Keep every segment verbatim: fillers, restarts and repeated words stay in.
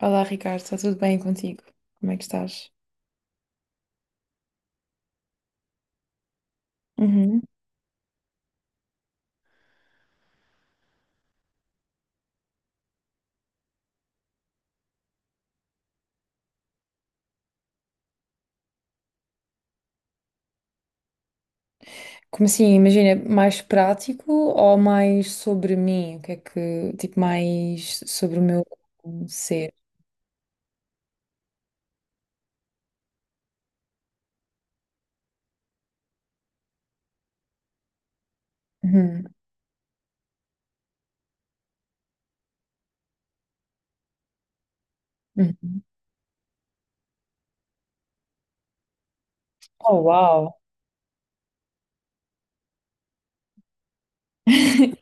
Olá, Ricardo, está tudo bem contigo? Como é que estás? Uhum. Como assim, imagina, mais prático ou mais sobre mim? O que é que, tipo, mais sobre o meu ser? Uhum. Uhum. Oh, uau!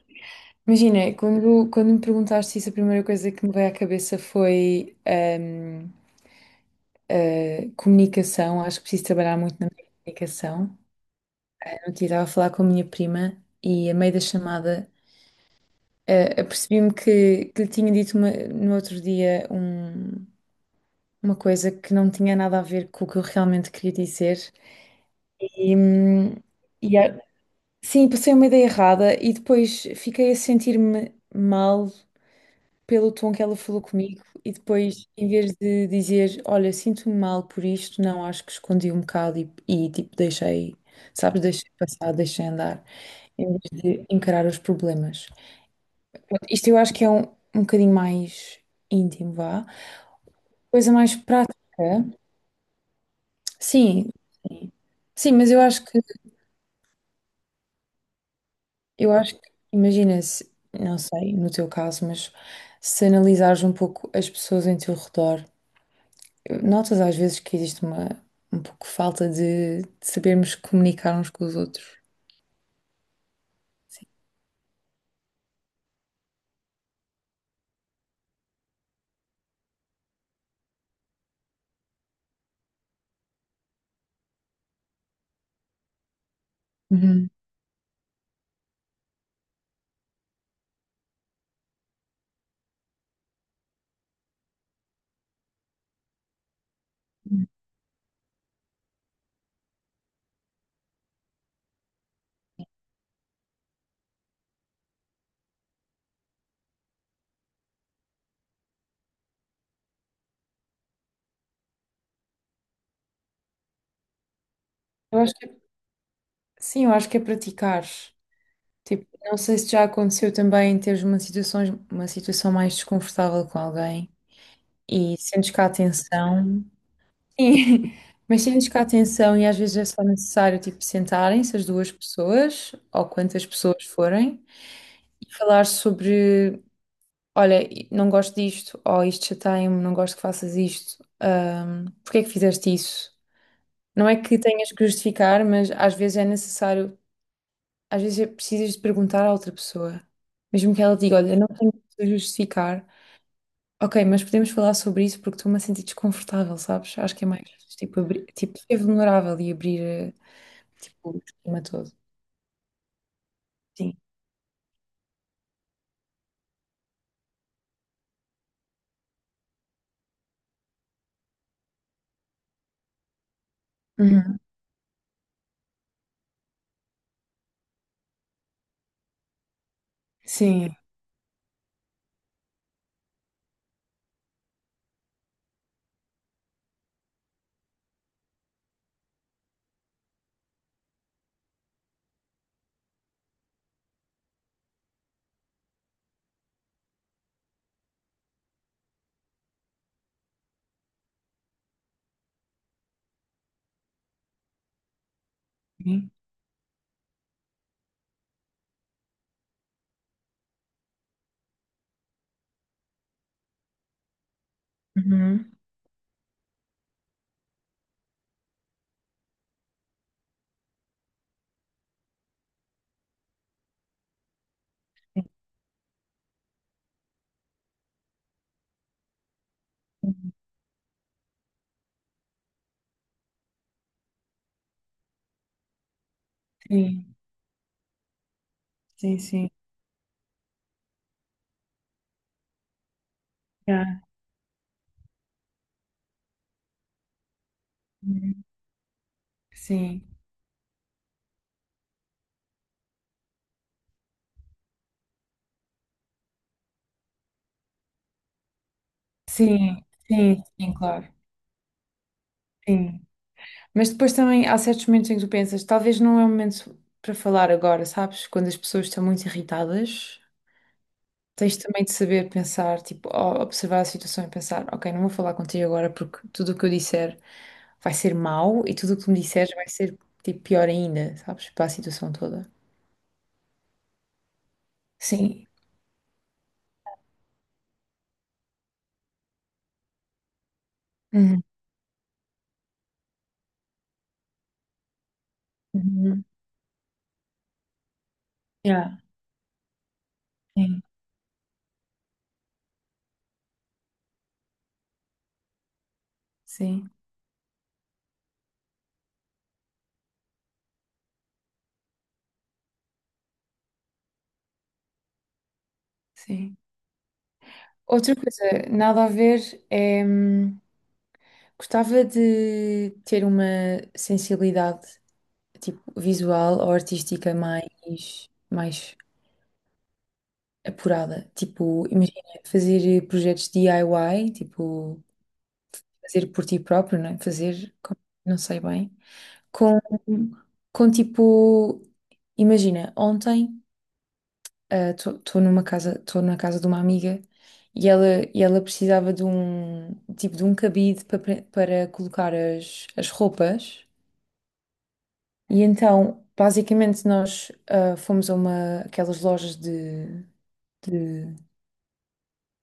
Imagina, quando, quando me perguntaste isso, a primeira coisa que me veio à cabeça foi ahm, ah, comunicação. Acho que preciso trabalhar muito na minha comunicação. Eu estava a falar com a minha prima e, a meio da chamada, Eh, apercebi-me que, que lhe tinha dito uma- no outro dia um- uma coisa que não tinha nada a ver com o que eu realmente queria dizer. E, hum, e a- sim, passei uma ideia errada e depois fiquei a sentir-me mal pelo tom que ela falou comigo. E depois, em vez de dizer, olha, sinto-me mal por isto, não, acho que escondi um bocado e, e, tipo, deixei, sabes, deixei passar, deixei andar, em vez de encarar os problemas. Isto eu acho que é um, um bocadinho mais íntimo, vá. Coisa mais prática. Sim, sim. Sim, mas eu acho que, eu acho que, imagina se, não sei, no teu caso, mas se analisares um pouco as pessoas em teu redor, notas às vezes que existe uma, um pouco falta de, de sabermos comunicar uns com os outros. Sim. Uhum. Eu acho que, sim, eu acho que é praticar. Tipo, não sei se já aconteceu também teres uma situação, uma situação mais desconfortável com alguém. E sentes que a atenção. Sim, mas sentes que a atenção e às vezes é só necessário tipo sentarem-se as duas pessoas ou quantas pessoas forem e falar sobre, olha, não gosto disto, ou isto chateia-me, não gosto que faças isto, hum, porque é que fizeste isso? Não é que tenhas que justificar, mas às vezes é necessário, às vezes é precisas de perguntar à outra pessoa, mesmo que ela diga, olha, não tenho que justificar. Ok, mas podemos falar sobre isso porque estou-me a sentir desconfortável, sabes? Acho que é mais tipo, abrir, tipo ser vulnerável e abrir eh, tipo, o esquema todo. Sim. Uhum. Sim. Uhum. Sim, sim, sim. Yeah. Uhum. Sim, sim, sim, sim, claro. Sim. Mas depois também há certos momentos em que tu pensas, talvez não é o momento para falar agora, sabes? Quando as pessoas estão muito irritadas. Tens também de saber pensar, tipo, o- observar a situação e pensar, ok, não vou falar contigo agora porque tudo o que eu disser vai ser mau e tudo o que tu me disseres vai ser, tipo, pior ainda, sabes? Para a situação toda. Sim. Uhum. Uhum. Yeah. Sim, sim, sim. Outra coisa, nada a ver, é, hum, gostava de ter uma sensibilidade, tipo, visual ou artística mais, mais apurada. Tipo, imagina fazer projetos D I Y, tipo, fazer por ti próprio, né? Fazer, com- não sei bem, com, com tipo, imagina, ontem estou numa casa, estou na casa de uma amiga e ela, e ela precisava de um, tipo, de um cabide para, pre- para colocar as, as roupas e então, basicamente, nós ah, fomos a uma, aquelas lojas de de-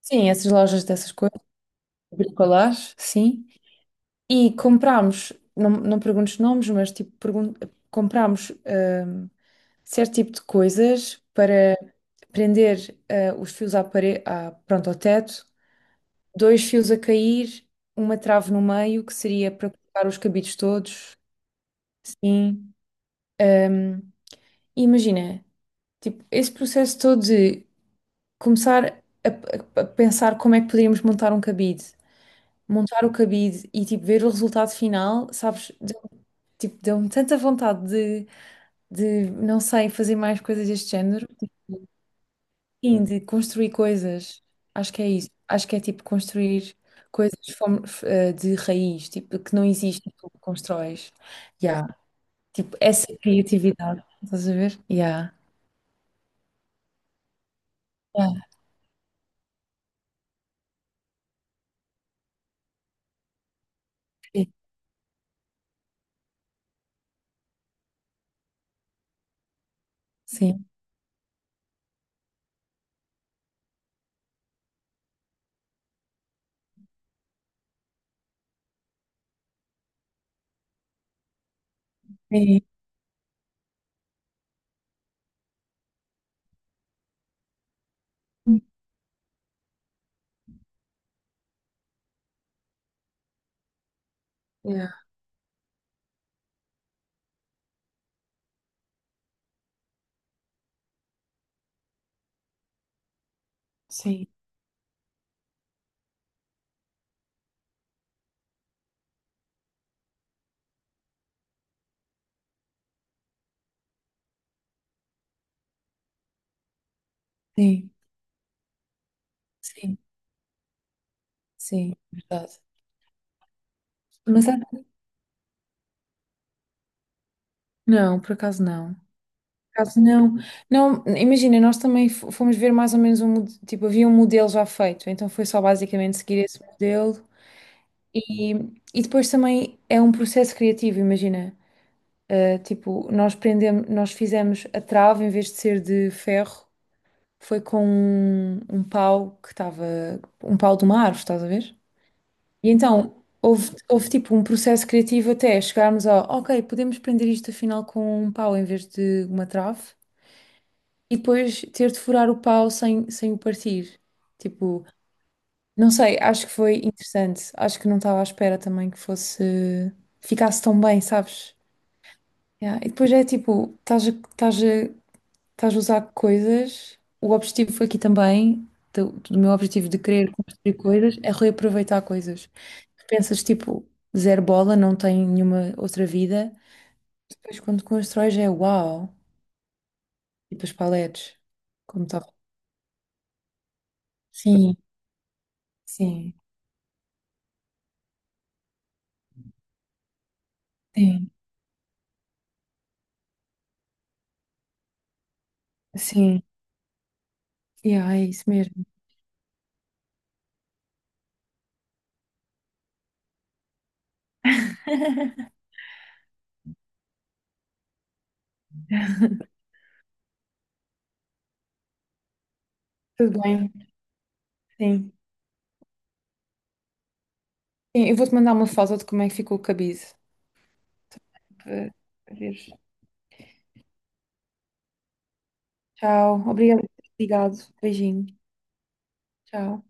sim, essas lojas dessas coisas bricolage, sim. E comprámos, não, não perguntes nomes, mas tipo, pergun comprámos hum, certo tipo de coisas para prender eh, os fios à parede, à, pronto, ao teto, dois fios a cair, uma trave no meio, que seria para colocar os cabides todos, sim. Hum, e imagina, tipo, esse processo todo de começar a, a- a pensar como é que poderíamos montar um cabide montar o cabide e tipo ver o resultado final, sabes? Tipo, deu-me tanta vontade de, de, não sei, fazer mais coisas deste género. Sim, de construir coisas. Acho que é isso. Acho que é tipo construir coisas fom- f- eh, de raiz, tipo, que não existe, tu constróis. Yeah. Tipo, essa criatividade. Estás a ver? Yeah. Yeah. Sim. Sim. Sim. Yeah. Sim. Sim. Sim. Sim. Verdade. Mas é- não, por acaso não. Caso não, não, imagina, nós também f- fomos ver mais ou menos um, mod- tipo, havia um modelo já feito, então foi só basicamente seguir esse modelo e, e depois também é um processo criativo, imagina, uh, tipo, nós prendemos, nós fizemos a trave em vez de ser de ferro, foi com um, um pau que estava, um pau de uma árvore, estás a ver? E então houve, houve tipo um processo criativo até chegarmos ao, ok, podemos prender isto afinal com um pau em vez de uma trave. E depois ter de furar o pau sem, sem o partir. Tipo, não sei, acho que foi interessante. Acho que não estava à espera também que fosse, ficasse tão bem, sabes? Yeah. E depois é tipo, estás a, estás a, estás a usar coisas. O objetivo aqui também, do, do meu objetivo de querer construir coisas, é reaproveitar coisas. Pensas tipo, zero bola, não tem nenhuma outra vida. Depois quando constróis é uau. E depois paletes, como estava. Sim, sim, sim. Sim, yeah, é isso mesmo. Tudo bem, sim. Sim, eu vou-te mandar uma foto de como é que ficou o cabide. Para para veres. Tchau. Obrigado por ligado. Beijinho. Tchau.